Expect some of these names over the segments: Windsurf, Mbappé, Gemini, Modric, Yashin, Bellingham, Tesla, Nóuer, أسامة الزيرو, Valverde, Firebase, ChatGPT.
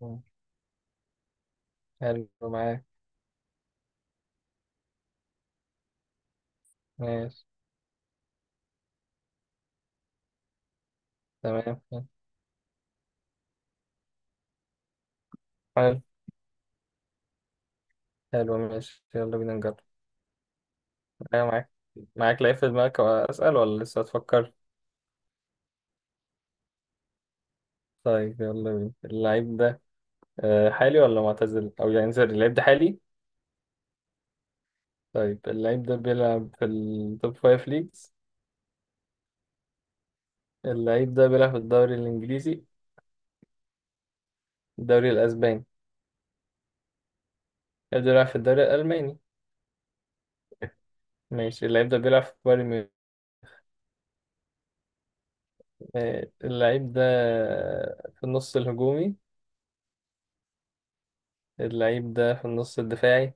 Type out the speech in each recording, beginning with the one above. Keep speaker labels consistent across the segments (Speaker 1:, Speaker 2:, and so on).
Speaker 1: مم. حلو معاك. ماشي. تمام. حلو. حلو، ماشي، يلا بينا نجرب. أيوة معاك. معاك لعيب في دماغك، أسأل ولا لسه هتفكر؟ طيب يلا بينا اللعيب ده حالي ولا معتزل؟ أو يعني سوري، اللعيب ده حالي؟ طيب اللعيب ده بيلعب في التوب فايف ليجز. اللعيب ده بيلعب في الدوري الإنجليزي. الدوري الأسباني. اللعيب ده بيلعب في الدوري الألماني. ماشي، اللعيب ده بيلعب في بايرن ميونخ. اللعيب ده في النص الهجومي. اللعيب ده في النص الدفاعي.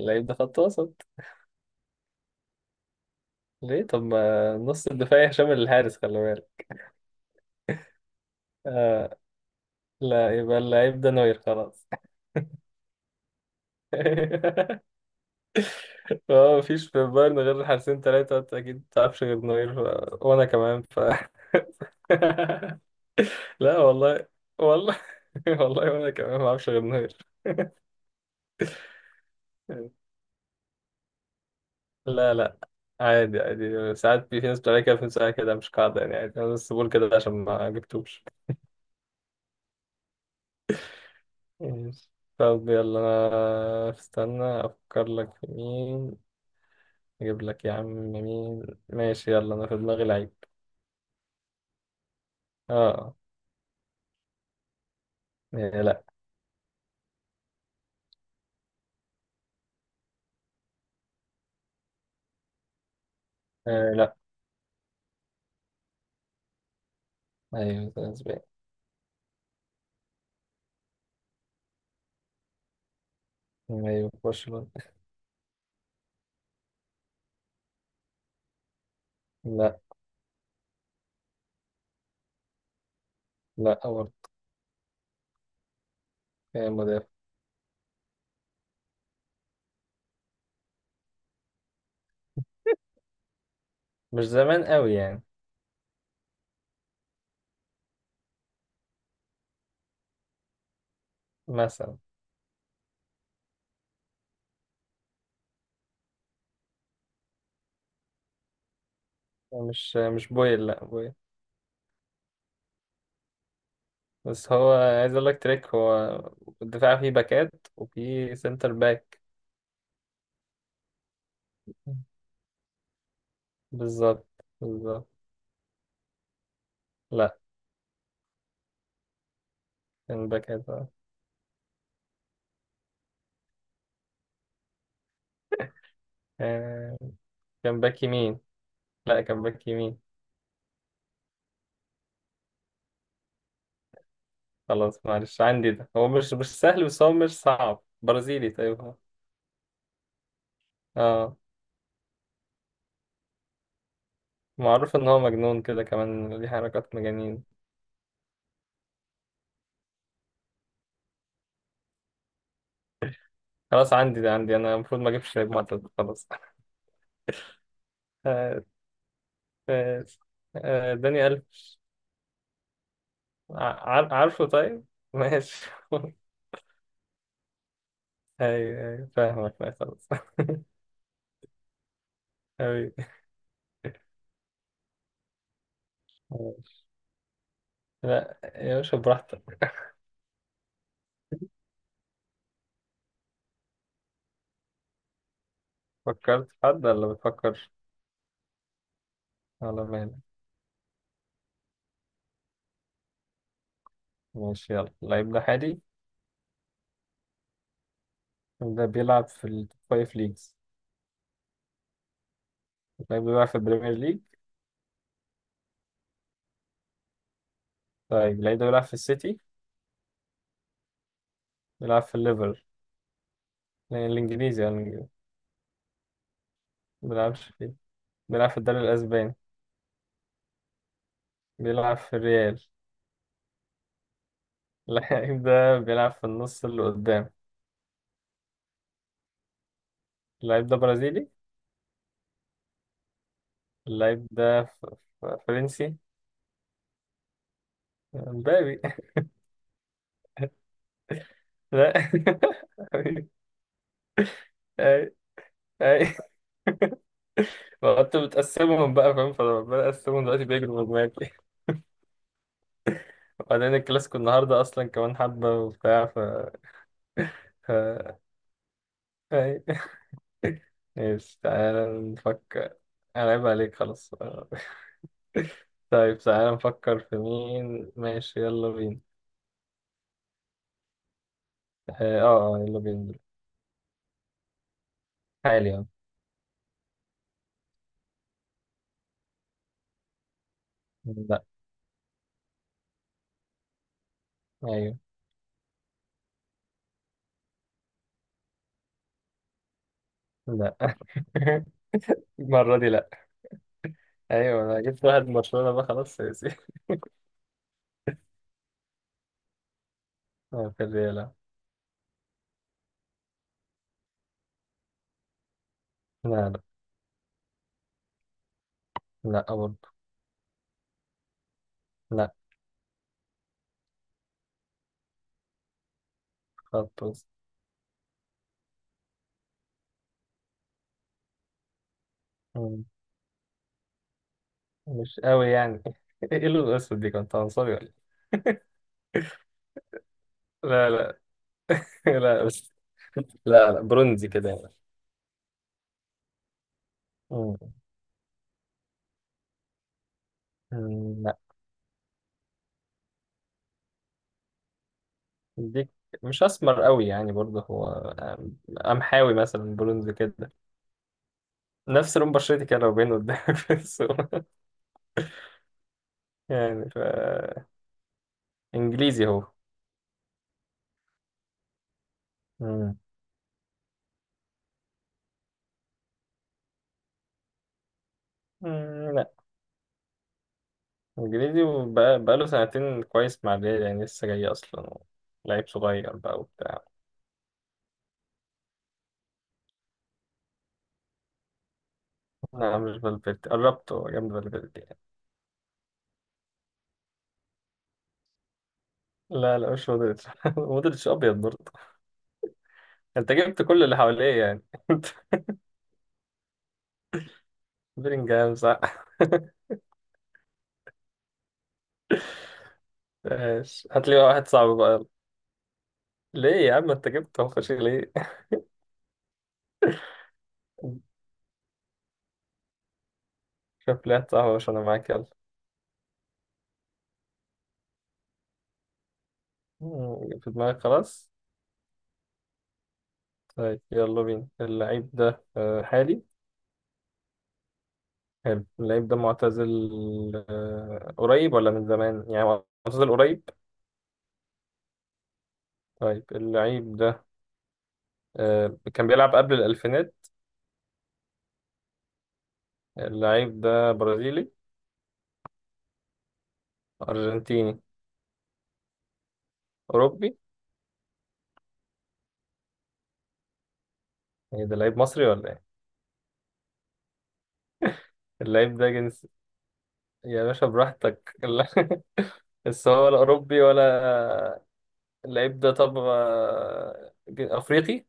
Speaker 1: اللعيب ده خط وسط. ليه؟ طب ما نص الدفاع شامل الحارس، خلي بالك. آه، لا، يبقى اللعيب ده نوير خلاص. هو مفيش في البايرن غير حارسين تلاتة، أنت أكيد متعرفش غير نوير وأنا كمان. لا والله. والله. والله وأنا كمان معرفش غير نوير. لا لا، عادي عادي، ساعات في ناس بتعمل كده، في ناس بتعمل كده مش قاعدة يعني، عادي، أنا بس بقول كده عشان ما جبتوش. يس. طب يلا أنا استنى أفكر لك في مين. أجيب لك يا عم مين. ماشي يلا، أنا في دماغي لعيب. آه. إيه، لا. آه، لا. أيوة، ده أسباني. أيوة في برشلونة. لا. لا برضه. إيه، مدافع. مش زمان قوي يعني. مثلا. مش بويل، لا بويل. بس هو، عايز أقول لك تريك، هو الدفاع فيه باكات وفيه سنتر باك. بالظبط. بالظبط. لا، كان باكات آه. آه، كان باك يمين. لا، كان باك يمين. خلاص معلش، عندي ده، هو مش سهل بس هو مش صعب، برازيلي طيب هو. اه. معروف ان هو مجنون كده كمان، ليه حركات مجانين. خلاص عندي ده، عندي انا، المفروض ما اجيبش لعيب معتاد خلاص. آه، آه، داني ألف. عارفه طيب. ماشي. ايوه ايوه فاهمك، لا خلاص. حبيبي. ماشي. لا يا باشا، براحتك. فكرت في حد ولا بتفكر؟ ولا مالك؟ ماشي يلا، اللعيب ده حالي. ده بيلعب في التوب فايف ليجز. لعيب بيلعب في البريمير ليج. طيب اللعيب ده بيلعب في السيتي. بيلعب في الليفر. يعني الإنجليزي، يعني الإنجليزي. ما بيلعبش فيه. بيلعب في الدوري الأسباني. بيلعب في الريال. اللعيب ده بيلعب في النص اللي قدام. اللعيب ده برازيلي. اللعيب ده فرنسي. مبابي. لا. اي اي. فانت بتقسمهم بقى فاهم، فلما بقسمهم دلوقتي بيجروا من دماغي. وبعدين الكلاسيكو النهارده اصلا كمان حبه وبتاع. ف- اي. ماشي تعالى نفكر. انا عيب عليك خلاص آه. طيب تعالى نفكر في مين، ماشي يلا بينا. يلا بينا. حالي، اه. لا. ايوه. لا. المرة دي لا. ايوه، انا جبت واحد من برشلونة بقى خلاص سياسي. اه في الريال اه. لا لا. لا برضه. لا. خط وسط. مم. مش قوي يعني. ايه اللون الاسود دي، كنت عنصري ولا إيه؟ لا لا. لا بس. لا لا، برونزي كده يعني. مم. مم. دي مش اسمر قوي يعني برضه هو، قمحاوي مثلا، برونز كده، نفس لون بشرتي كده لو باين قدامك في الصورة. يعني. انجليزي هو. مم. مم، لا. انجليزي، وبقى له سنتين كويس مع الريال، يعني لسه جاي اصلا، لعيب صغير بقى وبتاع. لا مش فالفيردي، قربت، هو جنب فالفيردي يعني. لا لا، مش مودريتش. مودريتش ابيض برضه. انت جبت كل اللي حواليه يعني. بلينجهام، صح. ماشي، هات لي بقى واحد صعب بقى. ليه يا عم، انت جبت الخش ليه؟ شوف لي واحد صاحبي عشان انا معاك، يلا. في دماغك خلاص. طيب يلا بينا، اللعيب ده حالي. حلو، اللعيب ده معتزل. قريب ولا من زمان؟ يعني معتزل قريب. طيب اللعيب ده كان بيلعب قبل الألفينات. اللعيب ده برازيلي. أرجنتيني. أوروبي. ايه ده، لعيب مصري ولا ايه؟ اللعيب ده جنس، يا باشا براحتك، لا، بس هو ولا أوروبي ولا. اللعيب ده طب أفريقي.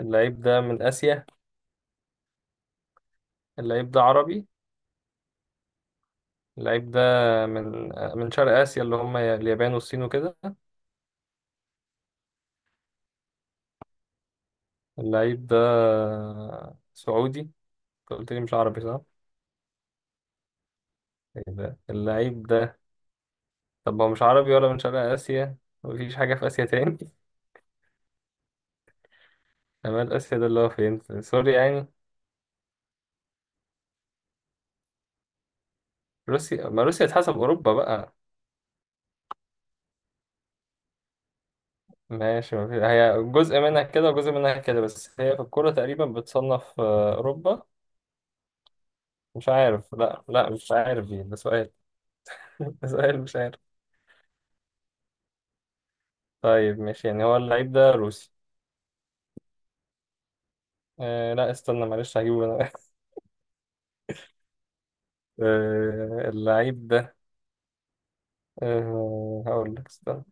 Speaker 1: اللعيب ده من آسيا. اللعيب ده عربي. اللعيب ده من شرق آسيا اللي هم اليابان والصين وكده. اللعيب ده سعودي. أنت قلت لي مش عربي صح؟ إيه ده؟ اللعيب ده طب هو مش عربي ولا من شرق آسيا، مفيش حاجة في آسيا تاني. شمال آسيا ده اللي هو فين؟ في سوريا يعني. روسيا، ما روسيا تحسب أوروبا بقى. ماشي، ما هي جزء منها كده وجزء منها كده، بس هي في الكورة تقريبا بتصنف أوروبا. مش عارف، لا لا مش عارف دي، ده سؤال. ده سؤال مش عارف. طيب ماشي، يعني هو اللعيب ده روسي. آه لا، استنى معلش هجيبه انا. اللعيب ده، هقول لك استنى،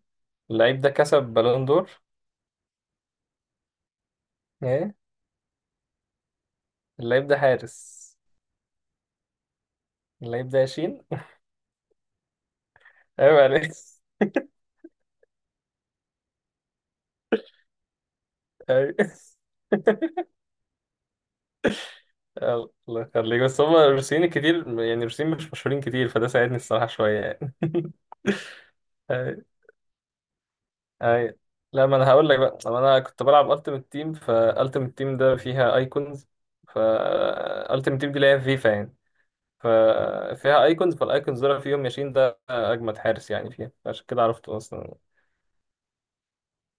Speaker 1: اللعيب ده كسب بالون دور. ايه. اللعيب ده حارس. اللعيب ده ياشين. ايوه، عليك. أيوة. الله يخليك، بس هم الروسيين كتير يعني، الروسيين مش مشهورين كتير، فده ساعدني الصراحة شوية يعني. اي. لا، ما انا هقول لك بقى، طب انا كنت بلعب التيمت تيم، فالتيمت تيم ده فيها ايكونز، فالتيمت تيم دي اللي هي فيفا يعني. ففيها ايكونز، فالايكونز دول فيهم ياشين ده اجمد حارس يعني فيها، عشان كده عرفته اصلا.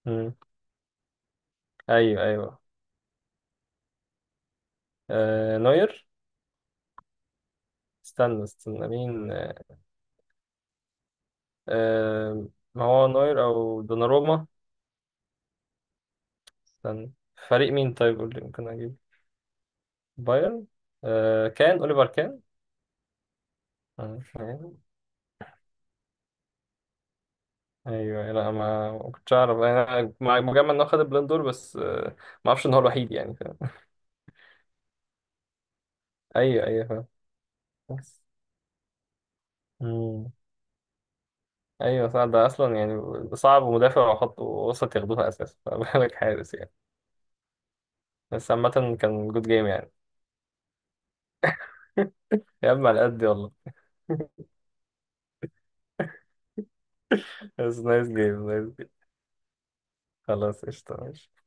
Speaker 1: مم. ايوه ايوه. آه نوير. استنى استنى مين؟ آه ما هو نوير او دوناروما. استنى. فريق مين؟ طيب قول لي ممكن اجيب. بايرن. كان اوليفر كان. آه. ايوه، لا، ما كنتش اعرف انا، مجمع ان هو خد البلندور دور بس. ما اعرفش ان هو الوحيد يعني، فاهم. ايوه ايوه فاهم. بس. امم ايوه صح، ده اصلا يعني صعب، ومدافع وخط وسط ياخدوها اساسا، فما بالك حارس يعني. بس عامة. كان جود جيم يعني. يا عم على قد والله. بس نايس جيم، نايس جيم. خلاص، قشطة ماشي.